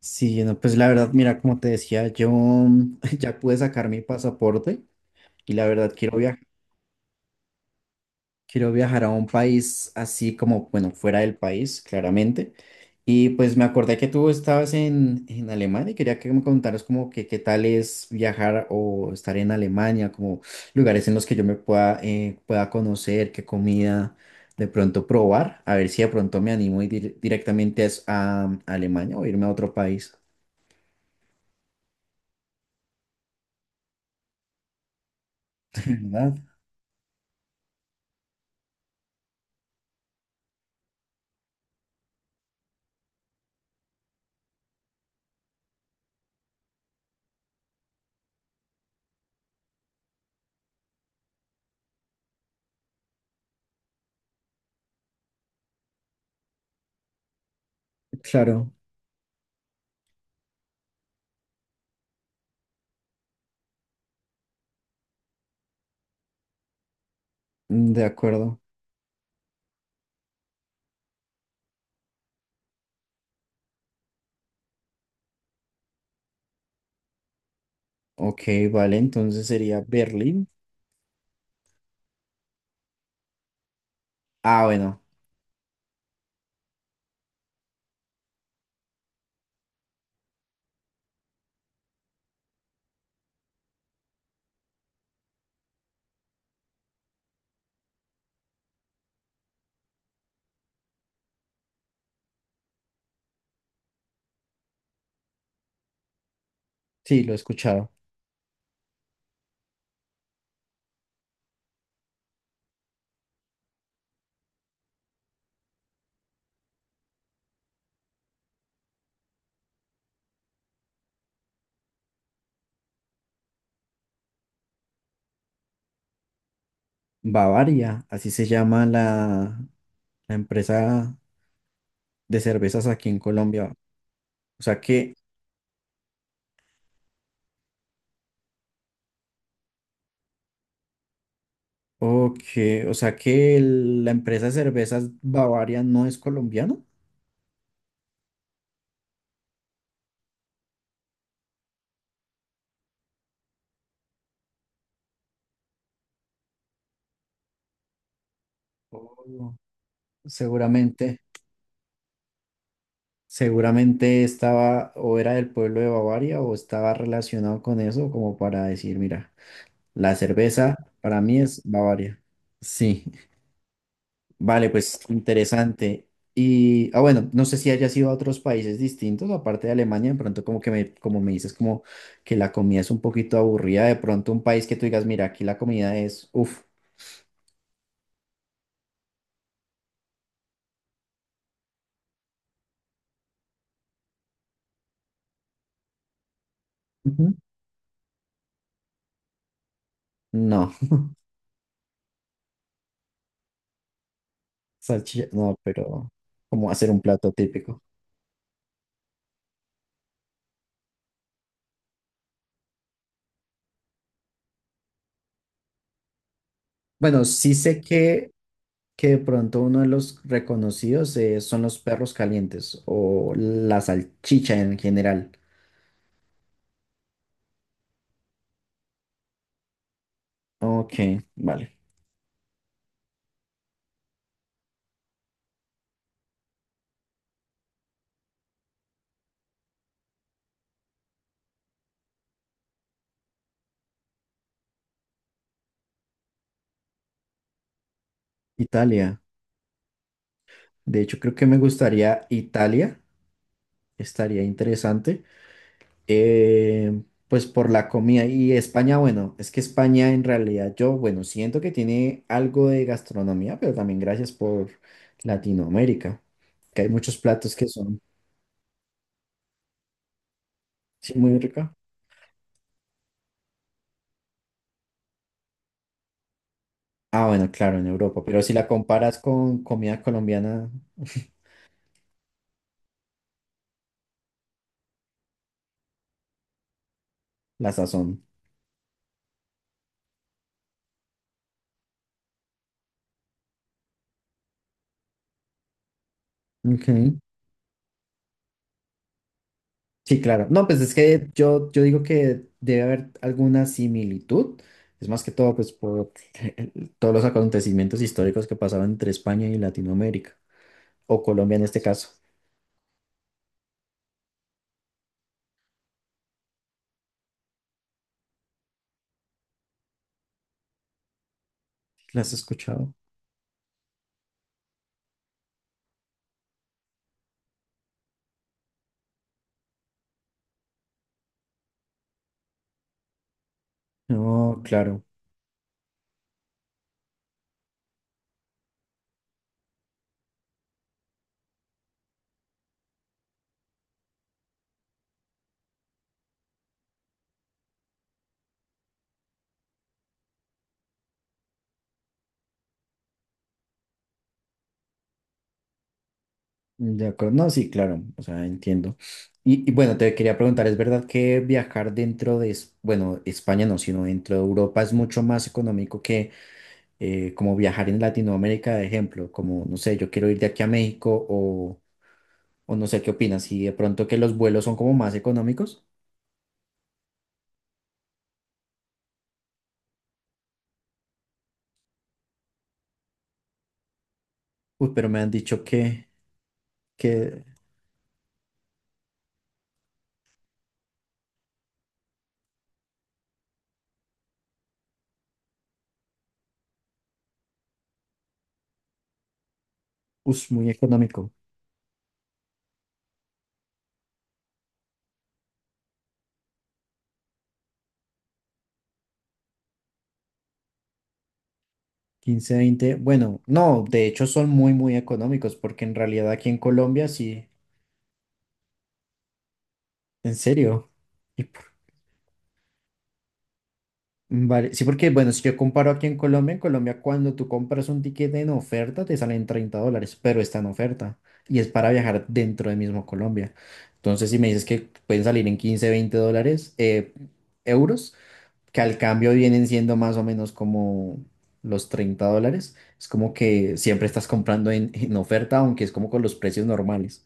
Sí, no, pues la verdad, mira, como te decía, yo ya pude sacar mi pasaporte y la verdad quiero viajar a un país así como, bueno, fuera del país, claramente. Y pues me acordé que tú estabas en Alemania y quería que me contaras como que qué tal es viajar o estar en Alemania, como lugares en los que yo me pueda conocer, qué comida de pronto probar, a ver si de pronto me animo y ir directamente a Alemania o irme a otro país. ¿Verdad? Claro. Mm, de acuerdo. Ok, vale, entonces sería Berlín. Ah, bueno, sí, lo he escuchado. Bavaria, así se llama la empresa de cervezas aquí en Colombia. O sea que, ok, o sea que la empresa de cervezas Bavaria no es colombiana. Oh, seguramente, seguramente estaba o era del pueblo de Bavaria o estaba relacionado con eso como para decir, mira, la cerveza para mí es Bavaria. Sí, vale, pues interesante. Y, ah, bueno, no sé si hayas ido a otros países distintos, aparte de Alemania, de pronto como me dices como que la comida es un poquito aburrida, de pronto un país que tú digas, mira, aquí la comida es, uff, no, salchicha, no, pero como hacer un plato típico. Bueno, sí sé que de pronto uno de los reconocidos son los perros calientes o la salchicha en general. Ok, vale. Italia. De hecho, creo que me gustaría Italia. Estaría interesante. Eh, pues por la comida. Y España, bueno, es que España en realidad yo, bueno, siento que tiene algo de gastronomía, pero también gracias por Latinoamérica, que hay muchos platos que son. Sí, muy ricos. Ah, bueno, claro, en Europa, pero si la comparas con comida colombiana, la sazón. Ok. Sí, claro. No, pues es que yo digo que debe haber alguna similitud. Es más que todo, pues, por todos los acontecimientos históricos que pasaron entre España y Latinoamérica, o Colombia en este caso. ¿Las has escuchado? No, claro. De acuerdo. No, sí, claro. O sea, entiendo. Y bueno, te quería preguntar, ¿es verdad que viajar dentro de, bueno, España no, sino dentro de Europa es mucho más económico que como viajar en Latinoamérica, de ejemplo? Como, no sé, yo quiero ir de aquí a México. O no sé qué opinas, si de pronto que los vuelos son como más económicos. Uy, pero me han dicho que, que, es muy económico. Quince 20 bueno, no, de hecho son muy, muy económicos, porque en realidad aquí en Colombia sí, en serio. Y por- vale, sí, porque bueno, si yo comparo aquí en Colombia cuando tú compras un ticket en oferta te salen $30, pero está en oferta y es para viajar dentro de mismo Colombia. Entonces, si me dices que pueden salir en $15 20, euros, que al cambio vienen siendo más o menos como los $30. Es como que siempre estás comprando en oferta, aunque es como con los precios normales.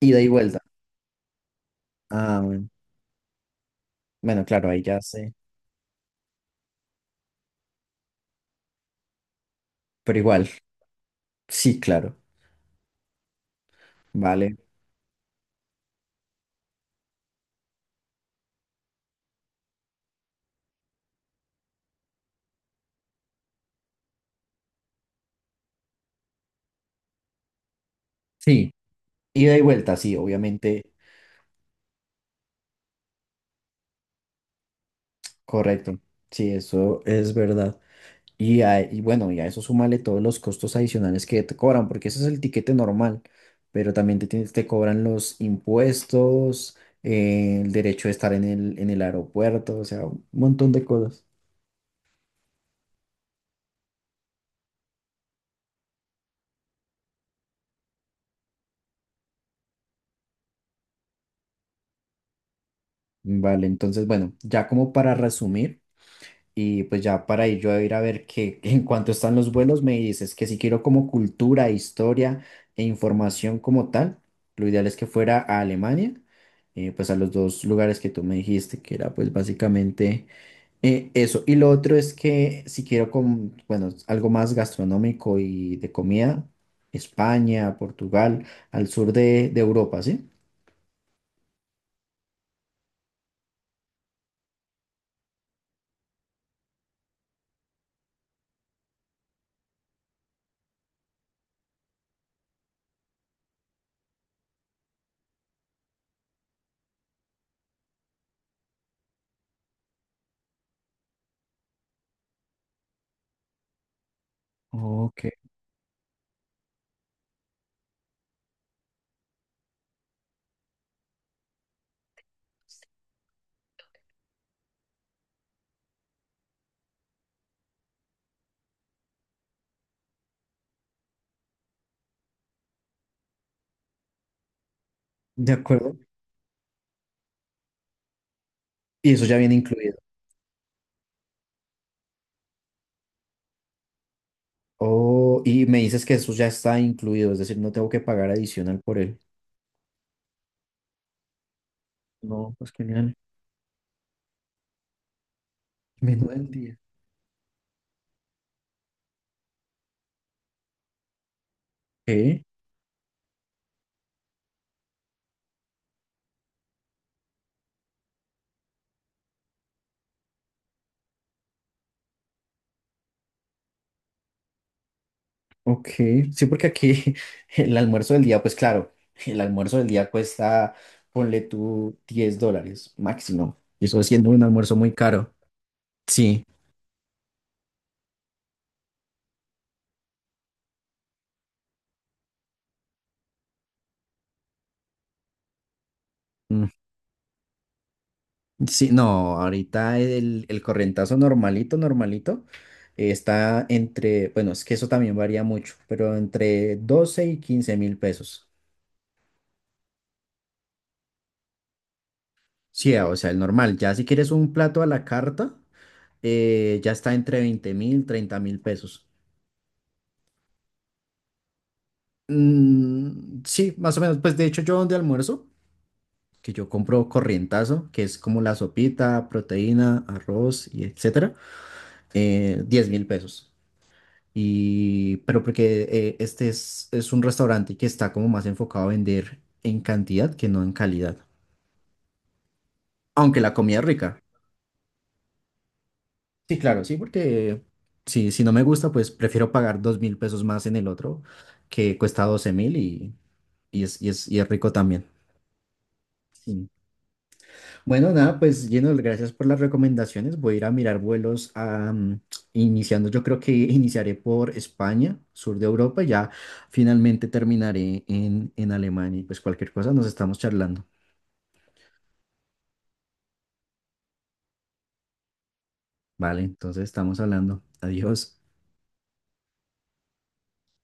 Ida y vuelta. Ah, bueno, claro, ahí ya sé. Pero igual, sí, claro, vale. Sí, ida y vuelta, sí, obviamente, correcto. Sí, eso es verdad. Y, y bueno, y a eso súmale todos los costos adicionales que te cobran, porque ese es el tiquete normal, pero también te cobran los impuestos, el derecho de estar en el aeropuerto, o sea, un montón de cosas. Vale, entonces, bueno, ya como para resumir, y pues ya para ir yo a ir a ver qué en cuanto están los vuelos, me dices que si quiero como cultura, historia e información como tal, lo ideal es que fuera a Alemania, pues a los dos lugares que tú me dijiste, que era pues básicamente. Eso, y lo otro es que si quiero, bueno, algo más gastronómico y de comida, España, Portugal, al sur de Europa, ¿sí? Ok. De acuerdo. Y eso ya viene incluido. Oh, y me dices que eso ya está incluido, es decir, no tengo que pagar adicional por él. No, pues genial. Menú del día. Ok, ok. Sí, porque aquí el almuerzo del día, pues claro, el almuerzo del día cuesta, ponle tú $10 máximo. Y eso siendo un almuerzo muy caro. Sí, mm, sí, no, ahorita el correntazo, normalito, normalito, está entre, bueno, es que eso también varía mucho, pero entre 12.000 y 15.000 pesos. Sí, ah, o sea, el normal, ya si quieres un plato a la carta, ya está entre 20.000, 30.000 pesos. Mm, sí, más o menos, pues de hecho yo donde almuerzo, que yo compro corrientazo, que es como la sopita, proteína, arroz y etcétera, 10 mil pesos. Y, pero porque este es un restaurante que está como más enfocado a vender en cantidad que no en calidad. Aunque la comida es rica. Sí, claro, sí, porque si no me gusta, pues prefiero pagar 2.000 pesos más en el otro, que cuesta 12.000 y es rico también. Sí. Bueno, nada, pues lleno, gracias por las recomendaciones. Voy a ir a mirar vuelos a, iniciando, yo creo que iniciaré por España, sur de Europa, y ya finalmente terminaré en Alemania y pues cualquier cosa nos estamos charlando. Vale, entonces estamos hablando. Adiós.